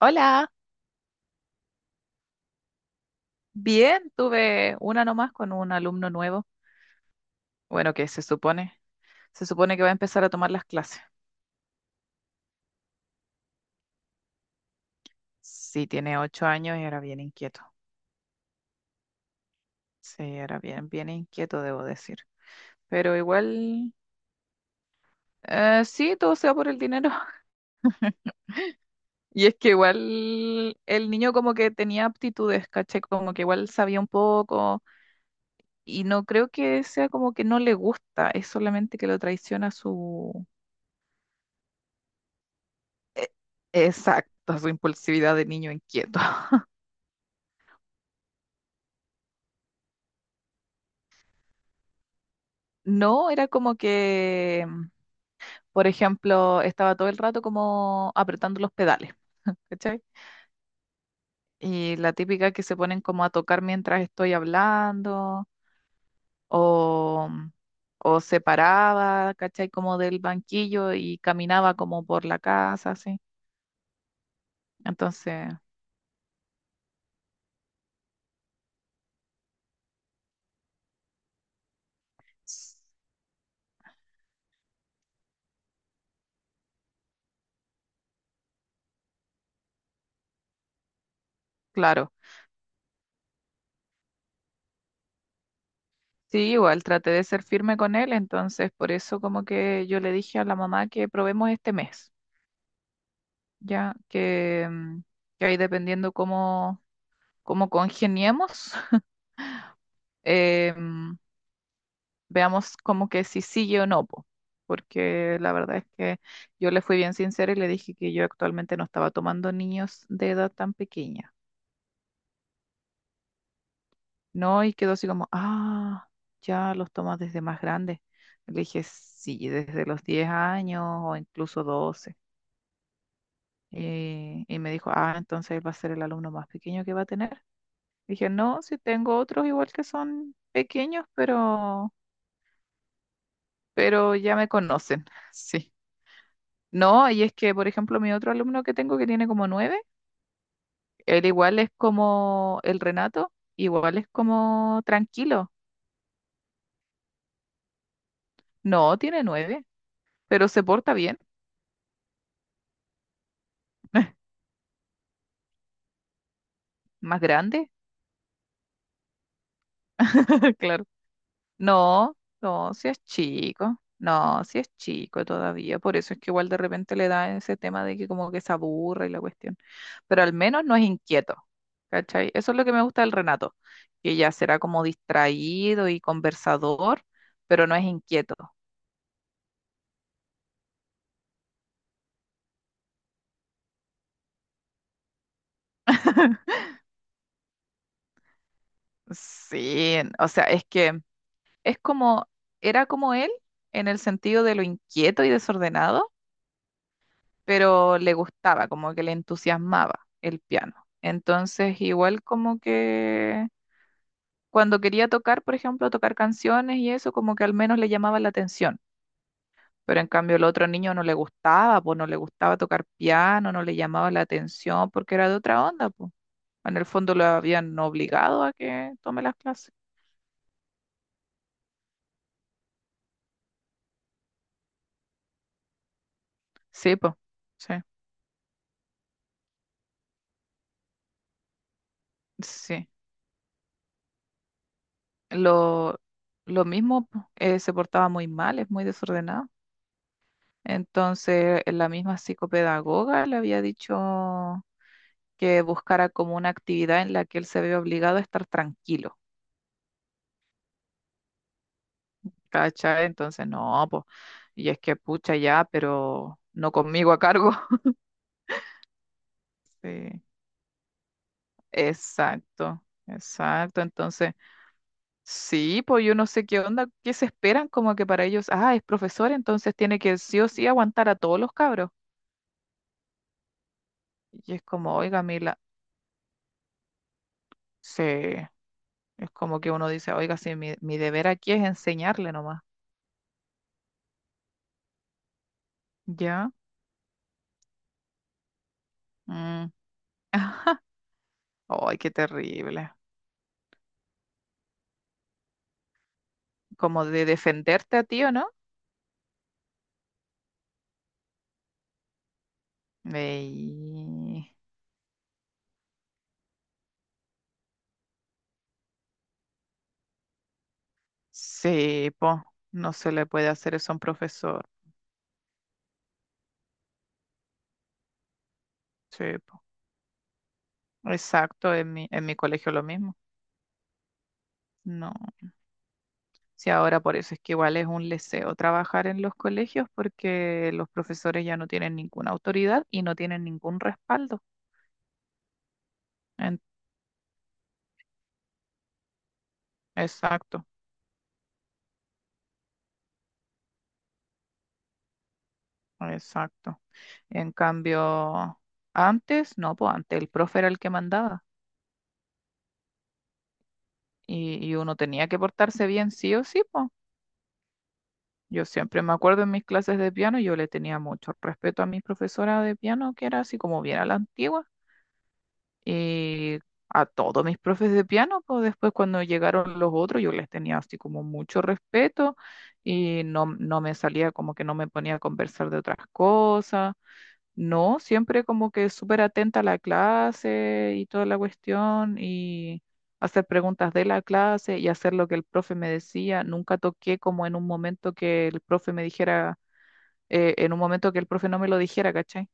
Hola, bien, tuve una nomás con un alumno nuevo. Bueno, que se supone que va a empezar a tomar las clases. Sí, tiene 8 años y era bien inquieto. Sí, era bien, bien inquieto, debo decir. Pero igual, sí, todo sea por el dinero. Y es que igual el niño como que tenía aptitudes, caché, como que igual sabía un poco. Y no creo que sea como que no le gusta, es solamente que lo traiciona su... Exacto, su impulsividad de niño inquieto. No, era como que por ejemplo, estaba todo el rato como apretando los pedales, ¿cachai? Y la típica que se ponen como a tocar mientras estoy hablando, o, mm, o se paraba, ¿cachai? Como del banquillo y caminaba como por la casa, así. Entonces, s- claro, sí, igual traté de ser firme con él, entonces por eso como que yo le dije a la mamá que probemos este mes, ya que que ahí dependiendo cómo como congeniemos, em, veamos como que si sigue o no, po. Porque la verdad es que yo le fui bien sincera y le dije que yo actualmente no estaba tomando niños de edad tan pequeña, ¿no? Y quedó así como, ah, ya los tomas desde más grandes. Le dije, sí, desde los 10 años o incluso 12. Y me dijo, ah, entonces él va a ser el alumno más pequeño que va a tener. Dije, no, si tengo otros igual que son pequeños, pero ya me conocen, sí. No, y es que, por ejemplo, mi otro alumno que tengo que tiene como nueve, él igual es como el Renato, igual es como tranquilo. No, tiene nueve, pero se porta bien, más grande, claro. No, no, si es chico, no, si es chico todavía, por eso es que igual de repente le da ese tema de que como que se aburre y la cuestión, pero al menos no es inquieto, ¿cachai? Eso es lo que me gusta del Renato, que ya será como distraído y conversador, pero no es inquieto. Sí, o sea, es que es como, era como él en el sentido de lo inquieto y desordenado, pero le gustaba, como que le entusiasmaba el piano. Entonces, igual como que cuando quería tocar, por ejemplo, tocar canciones y eso, como que al menos le llamaba la atención. Pero en cambio el otro niño no le gustaba, pues no le gustaba tocar piano, no le llamaba la atención porque era de otra onda, pues. En el fondo lo habían obligado a que tome las clases. Sí, pues. Sí, sí. Lo, lo mismo, po, se portaba muy mal, es muy desordenado. Entonces, la misma psicopedagoga le había dicho que buscara como una actividad en la que él se ve obligado a estar tranquilo, ¿cachai? Entonces, no, pues, y es que pucha ya, pero no conmigo a cargo. Sí, exacto, exacto. Entonces, sí, pues yo no sé qué onda, qué se esperan como que para ellos, ah, es profesor, entonces tiene que sí o sí aguantar a todos los cabros. Y es como, oiga, Mila, sí. Es como que uno dice, oiga, si mi, mi deber aquí es enseñarle nomás. ¿Ya? Mm. Ay, qué terrible. Como de defenderte a ti, ¿o no? Ey, sí, po. No se le puede hacer eso a un profesor. Sí, po. Exacto, en mi colegio lo mismo. No. Sí, ahora por eso es que igual es un leseo trabajar en los colegios porque los profesores ya no tienen ninguna autoridad y no tienen ningún respaldo. En- Exacto. Exacto. En cambio, antes, no, pues antes el profe era el que mandaba y uno tenía que portarse bien sí o sí, pues. Yo siempre me acuerdo en mis clases de piano, yo le tenía mucho respeto a mi profesora de piano, que era así como bien a la antigua, y a todos mis profes de piano, pues después cuando llegaron los otros, yo les tenía así como mucho respeto y no, no me salía como que no me ponía a conversar de otras cosas. No, siempre como que súper atenta a la clase y toda la cuestión y hacer preguntas de la clase y hacer lo que el profe me decía. Nunca toqué como en un momento que el profe me dijera, en un momento que el profe no me lo dijera, ¿cachai?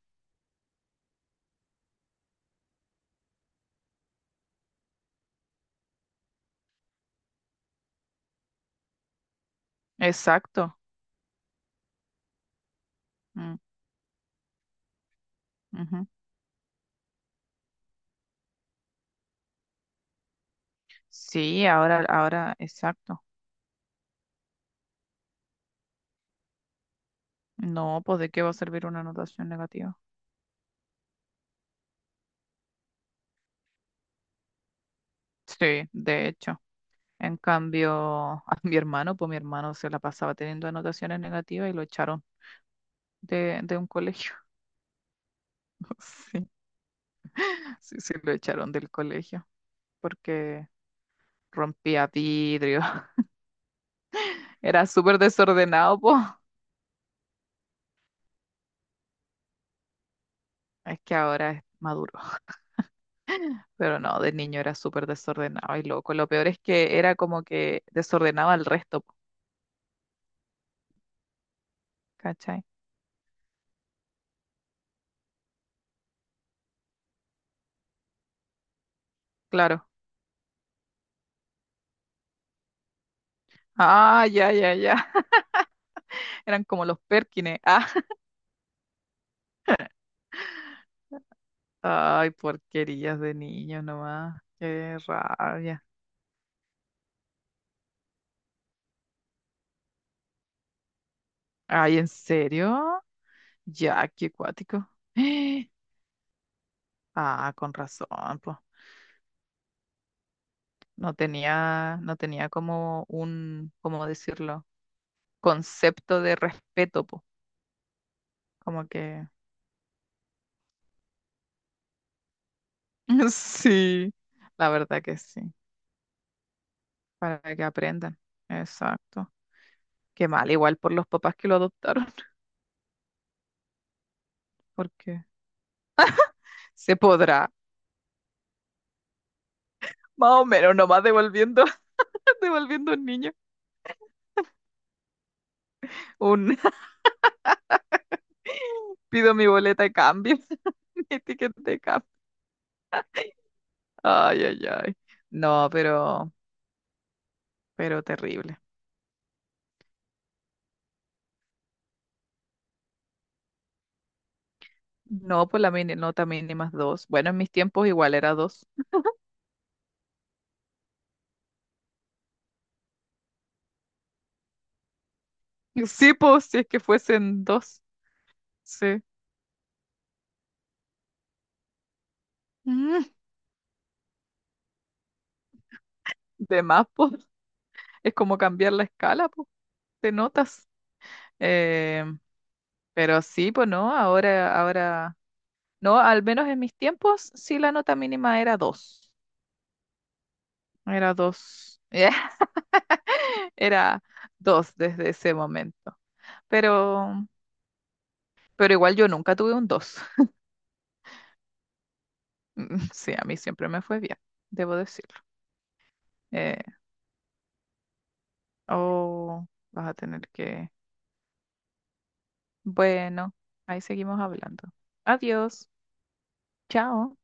Exacto. Mm, ujú. Sí, ahora, ahora, exacto. No, pues ¿de qué va a servir una anotación negativa? Sí, de hecho. En cambio, a mi hermano, pues mi hermano se la pasaba teniendo anotaciones negativas y lo echaron de un colegio. Sí, sí, sí, lo echaron del colegio porque rompía vidrio. Era súper desordenado, po. Es que ahora es maduro, pero no, de niño era súper desordenado y loco. Lo peor es que era como que desordenaba al resto, po, ¿cachai? Claro. Ah, ya, ya, ya. Eran como los Perkines. Ah. Ay, porquerías de niño nomás. Qué rabia. Ay, ¿en serio? Ya, qué acuático. Ah, con razón, pues. No tenía, no tenía como un, ¿cómo decirlo? Concepto de respeto, po. Como que sí, la verdad que sí, para que aprendan. Exacto. Qué mal, igual por los papás que lo adoptaron, porque se podrá, más o menos, nomás devolviendo, devolviendo un niño. Un pido mi boleta de cambio, mi ticket de cambio. Ay, ay, ay. No, pero terrible. No, pues la mini, nota mínima ni dos. Bueno, en mis tiempos igual era dos. Sí, pues, si es que fuesen dos. Sí. Mm, de más, pues. Es como cambiar la escala, pues, de notas. Eh, pero sí, pues no, ahora, ahora. No, al menos en mis tiempos, sí la nota mínima era dos. Era dos. Era dos desde ese momento. Pero, pero igual yo nunca tuve un dos. Sí, a mí siempre me fue bien, debo decirlo. Eh, Oh, vas a tener que... Bueno, ahí seguimos hablando. Adiós. Chao.